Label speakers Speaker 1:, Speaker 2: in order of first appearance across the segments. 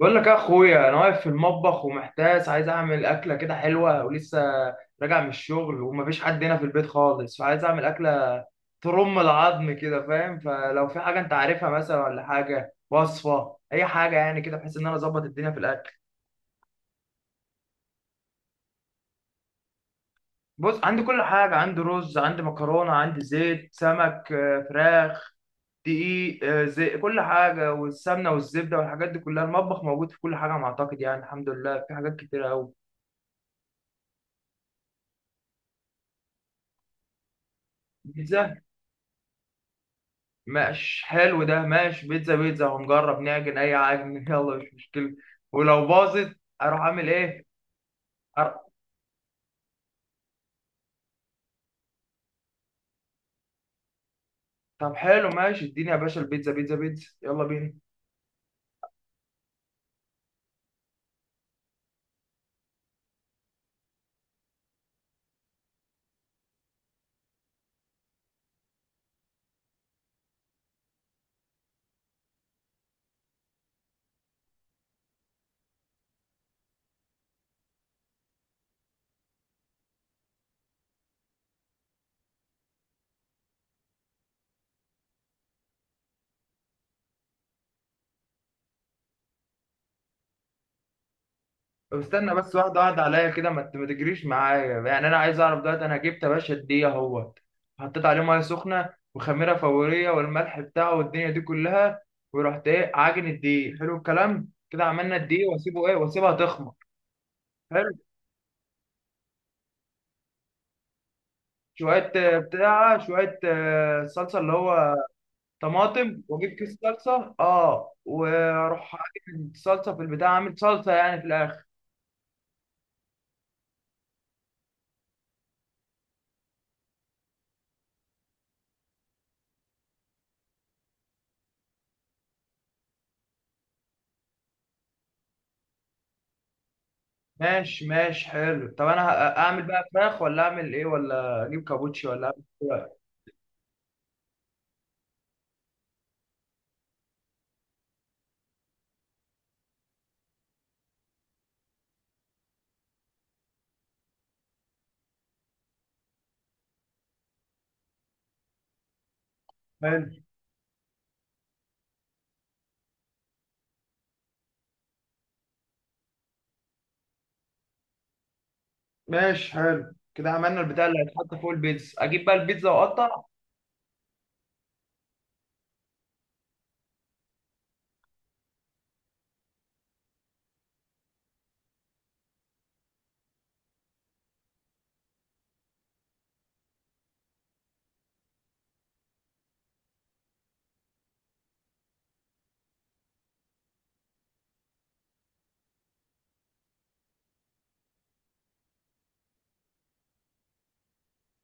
Speaker 1: بقول لك يا اخويا، انا واقف في المطبخ ومحتاس، عايز اعمل اكله كده حلوه ولسه راجع من الشغل، ومفيش حد هنا في البيت خالص. فعايز اعمل اكله ترم العظم كده، فاهم؟ فلو في حاجه انت عارفها مثلا، ولا حاجه، وصفه، اي حاجه يعني كده، بحيث ان انا اظبط الدنيا في الاكل. بص عندي كل حاجه، عندي رز، عندي مكرونه، عندي زيت، سمك، فراخ، دقيق، زي كل حاجه، والسمنه والزبده والحاجات دي كلها المطبخ موجود، في كل حاجه انا اعتقد يعني. الحمد لله في حاجات كتيره قوي. بيتزا. ماشي حلو ده، ماشي، بيتزا بيتزا، هنجرب نعجن اي عجن يلا، مش مشكلة. ولو باظت اروح اعمل ايه؟ أر... طب حلو، ماشي، اديني يا باشا البيتزا. بيتزا بيتزا يلا بينا. طب استنى بس، واحدة واحدة عليا كده، ما تجريش معايا يعني. انا عايز اعرف دلوقتي، انا جبت يا باشا الدقيق اهوت، حطيت عليه ميه سخنة وخميرة فورية والملح بتاعه والدنيا دي كلها، ورحت ايه عاجن الدقيق. حلو الكلام كده، عملنا الدقيق واسيبه ايه، واسيبها تخمر. حلو. شوية بتاع، شوية صلصة اللي هو طماطم، واجيب كيس صلصه، اه، واروح اجيب الصلصه في البتاع، اعمل صلصه يعني في الاخر. ماشي ماشي حلو. طب انا اعمل بقى فراخ ولا اعمل ايه، ولا اجيب كابوتشي ولا اعمل إيه؟ حلو. ماشي حلو كده، عملنا البتاع اللي هيتحط فوق البيتزا، اجيب بقى البيتزا واقطع.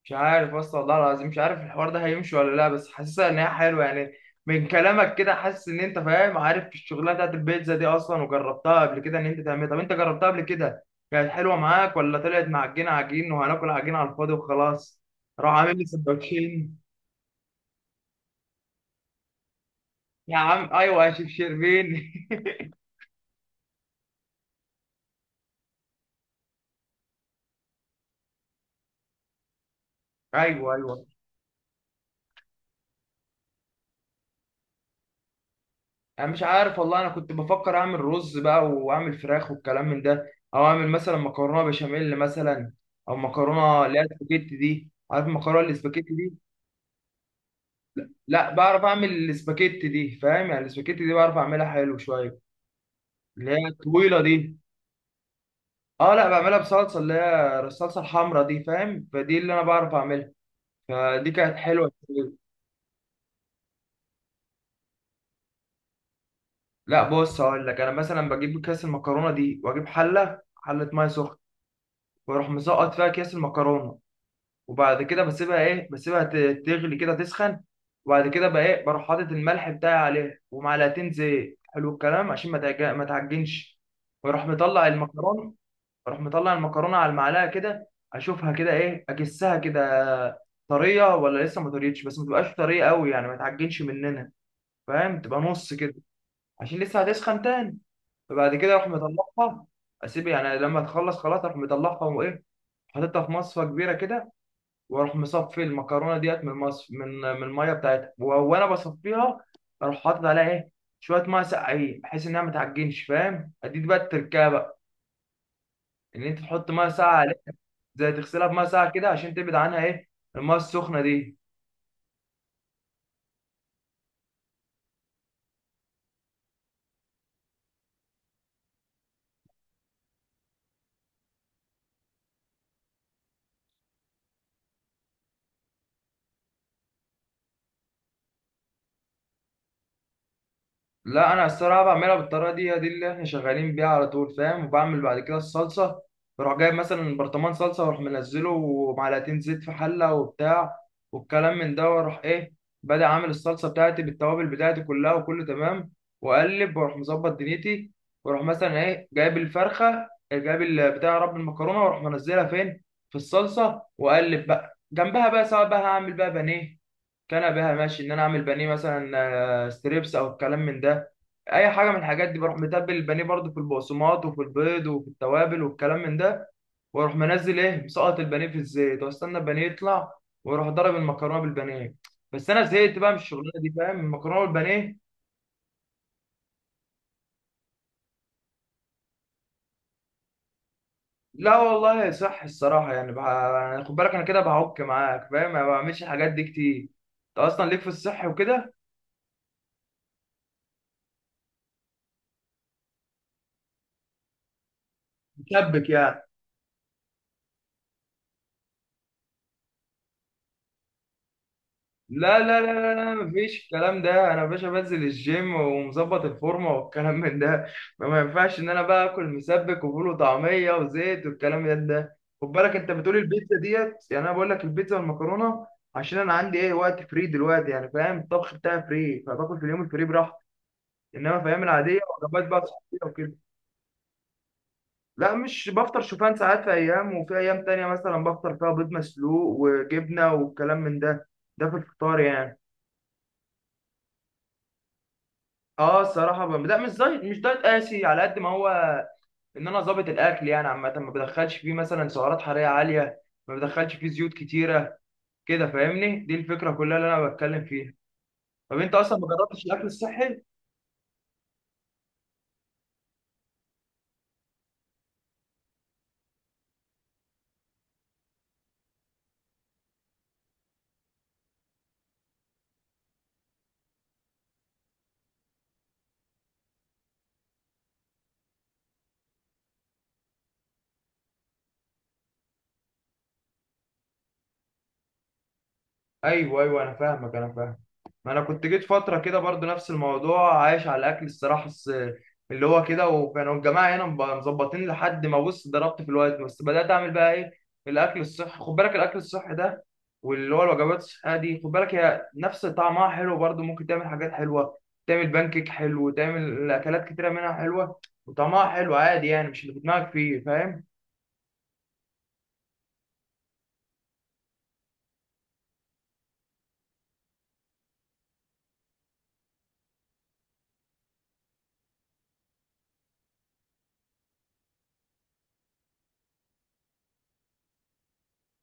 Speaker 1: مش عارف اصلا، والله العظيم مش عارف الحوار ده هيمشي ولا لا، بس حاسسها ان هي حلوه يعني. من كلامك كده حاسس ان انت فاهم عارف الشغلانه بتاعت البيتزا دي اصلا، وجربتها قبل كده ان انت تعملها. طب انت جربتها قبل كده، كانت حلوه معاك ولا طلعت معجنه عجين وهناكل عجين على الفاضي وخلاص؟ راح عامل لي سندوتشين. يا عم ايوه يا شيف شربين. ايوه ايوه. انا مش عارف والله. انا كنت بفكر اعمل رز بقى واعمل فراخ والكلام من ده، او اعمل مثلا مكرونه بشاميل مثلا، او مكرونه اللي هي السباكيتي دي، عارف المكرونه الاسباجيتي دي؟ لا بعرف اعمل الاسباجيتي دي، فاهم يعني. الاسباجيتي دي بعرف اعملها حلو شويه، اللي هي الطويله دي. اه، لا بعملها بصلصه، اللي هي الصلصه الحمراء دي فاهم. فدي اللي انا بعرف اعملها، فدي كانت حلوه. لا بص هقول لك. انا مثلا بجيب كيس المكرونه دي، واجيب حله، حله ميه سخنه، واروح مسقط فيها كيس المكرونه. وبعد كده بسيبها ايه، بسيبها تغلي كده تسخن. وبعد كده بقى ايه، بروح حاطط الملح بتاعي عليها ومعلقتين زيت، حلو الكلام، عشان ما ما تعجنش. واروح مطلع المكرونه. اروح مطلع المكرونه على المعلقه كده، اشوفها كده ايه، اجسها كده، طريه ولا لسه ما طريتش، بس ما تبقاش طريه قوي يعني ما تعجنش مننا فاهم. تبقى نص كده، عشان لسه هتسخن تاني. فبعد كده اروح مطلعها، اسيب يعني لما تخلص خلاص اروح مطلعها وايه، حاططها في مصفى كبيره كده، واروح مصفي المكرونه ديت من المصف من من الميه بتاعتها وانا بصفيها. اروح حاطط عليها ايه، شويه ميه ساقعين بحيث انها ما تعجنش فاهم. اديك بقى التركيبه بقى، ان انت تحط ميه ساقعه عليها، زي تغسلها بميه ساقعه كده عشان تبعد عنها ايه، الميه السخنه دي. لا انا الصراحه بعملها بالطريقه دي اللي احنا شغالين بيها على طول فاهم. وبعمل بعد كده الصلصه، بروح جايب مثلا برطمان صلصه، واروح منزله ومعلقتين زيت في حله وبتاع والكلام من ده، واروح ايه بدأ عامل الصلصه بتاعتي بالتوابل بتاعتي كلها وكله تمام. واقلب واروح مظبط دنيتي، واروح مثلا ايه جايب الفرخه، جايب بتاع رب المكرونه، واروح منزلها فين، في الصلصه. واقلب بقى جنبها بقى، سواء بقى هعمل بقى بانيه، كان بها ماشي ان انا اعمل بانيه مثلا، ستريبس او الكلام من ده، اي حاجه من الحاجات دي. بروح متبل البانيه برضو في البقسماط وفي البيض وفي التوابل والكلام من ده، واروح منزل ايه مسقط البانيه في الزيت، واستنى البانيه يطلع، واروح ضرب المكرونه بالبانيه. بس انا زهقت بقى من الشغلانه دي فاهم، المكرونه بالبانيه. لا والله صح الصراحه يعني يعني خد بالك انا كده بعك معاك فاهم، ما بعملش الحاجات دي كتير. انت اصلا ليك في الصح وكده. شبك يعني. لا لا لا لا لا، مفيش الكلام ده. انا يا باشا بنزل الجيم ومظبط الفورمه والكلام من ده. ما ينفعش ان انا بقى اكل مسبك وفول وطعميه وزيت والكلام من ده. خد بالك انت بتقول البيتزا ديت، يعني انا بقول لك البيتزا والمكرونه عشان انا عندي ايه وقت فري دلوقتي يعني فاهم. الطبخ بتاعي فري، فباكل في اليوم الفري براحتي. انما في ايام العاديه وجبات بقى صحيه وكده. لا مش بفطر شوفان ساعات. في ايام وفي ايام تانية مثلا بفطر فيها بيض مسلوق وجبنه والكلام من ده، ده في الفطار يعني. اه الصراحه لا مش دايت، مش دايت قاسي على قد ما هو ان انا ظابط الاكل يعني. عامه ما بدخلش فيه مثلا سعرات حراريه عاليه، ما بدخلش فيه زيوت كتيره كده فاهمني، دي الفكره كلها اللي انا بتكلم فيها. طب انت اصلا ما جربتش الاكل الصحي؟ ايوه ايوه انا فاهمك، انا فاهم. ما انا كنت جيت فتره كده برضو نفس الموضوع، عايش على الاكل الصراحه اللي هو كده، وكانوا الجماعه هنا مظبطين. لحد ما بص ضربت في الوقت، بس بدات اعمل بقى ايه، الاكل الصحي. خد بالك الاكل الصحي ده واللي هو الوجبات الصحيه دي، خد بالك هي نفس طعمها حلو برضو، ممكن تعمل حاجات حلوه، تعمل بانكيك حلو، تعمل اكلات كتيره منها حلوه، وطعمها حلو عادي يعني مش اللي في دماغك فيه فاهم؟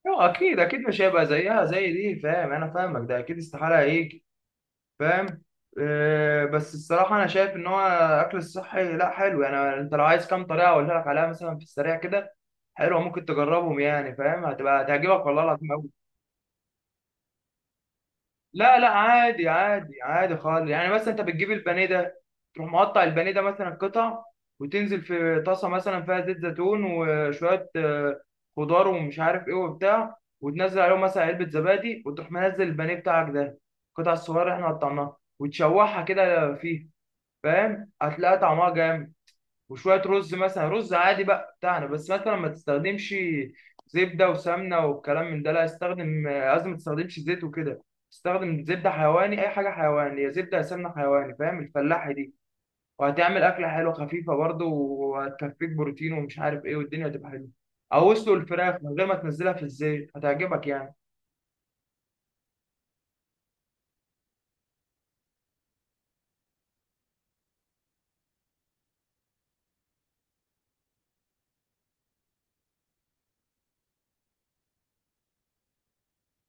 Speaker 1: اه اكيد اكيد مش هيبقى زيها زي دي فاهم، انا فاهمك، ده اكيد استحاله ايه. فاهم. بس الصراحة أنا شايف إن هو أكل الصحي لأ حلو. يعني أنت لو عايز كام طريقة أقولها لك عليها مثلا في السريع كده حلوة، ممكن تجربهم يعني فاهم، هتبقى هتعجبك والله العظيم أوي. لا لا عادي عادي عادي خالص. يعني مثلا أنت بتجيب البانيه ده، تروح مقطع البانيه ده مثلا قطع، وتنزل في طاسة مثلا فيها زيت زيتون وشوية خضار ومش عارف إيه وبتاع، وتنزل عليهم مثلا علبة زبادي، وتروح منزل البانيه بتاعك ده القطع الصغيرة اللي إحنا قطعناها، وتشوحها كده فيه فاهم، هتلاقي طعمها جامد. وشويه رز مثلا، رز عادي بقى بتاعنا، بس مثلا ما تستخدمش زبده وسمنه والكلام من ده، لا استخدم، لازم ما تستخدمش زيت وكده. استخدم زبده حيواني، اي حاجه حيواني، يا زبده يا سمنه حيواني فاهم، الفلاحي دي. وهتعمل اكله حلوه خفيفه برضه، وهتكفيك بروتين ومش عارف ايه، والدنيا هتبقى حلوه. او اسلق الفراخ من غير ما تنزلها في الزيت هتعجبك يعني.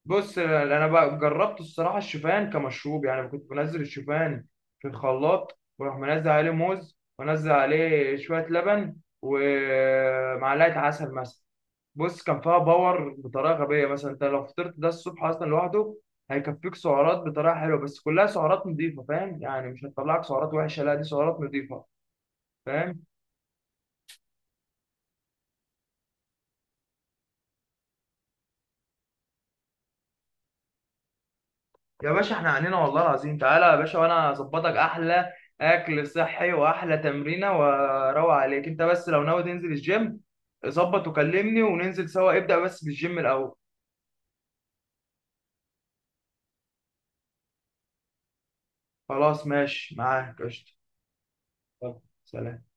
Speaker 1: بص انا بقى جربت الصراحه الشوفان كمشروب يعني. كنت بنزل الشوفان في الخلاط، واروح منزل عليه موز، وانزل عليه شويه لبن، ومعلقه عسل مثلا. بص كان فيها باور بطريقه غبيه. مثلا انت لو فطرت ده الصبح اصلا لوحده هيكفيك سعرات بطريقه حلوه، بس كلها سعرات نظيفه فاهم يعني، مش هتطلعك سعرات وحشه لا دي سعرات نظيفه فاهم. يا باشا احنا عنينا والله العظيم تعالى يا باشا، وانا اظبطك احلى اكل صحي واحلى تمرينه، واروق عليك انت، بس لو ناوي تنزل الجيم ظبط وكلمني وننزل سوا، ابدأ بس بالجيم الاول. خلاص ماشي معاك قشطة. يلا، سلام.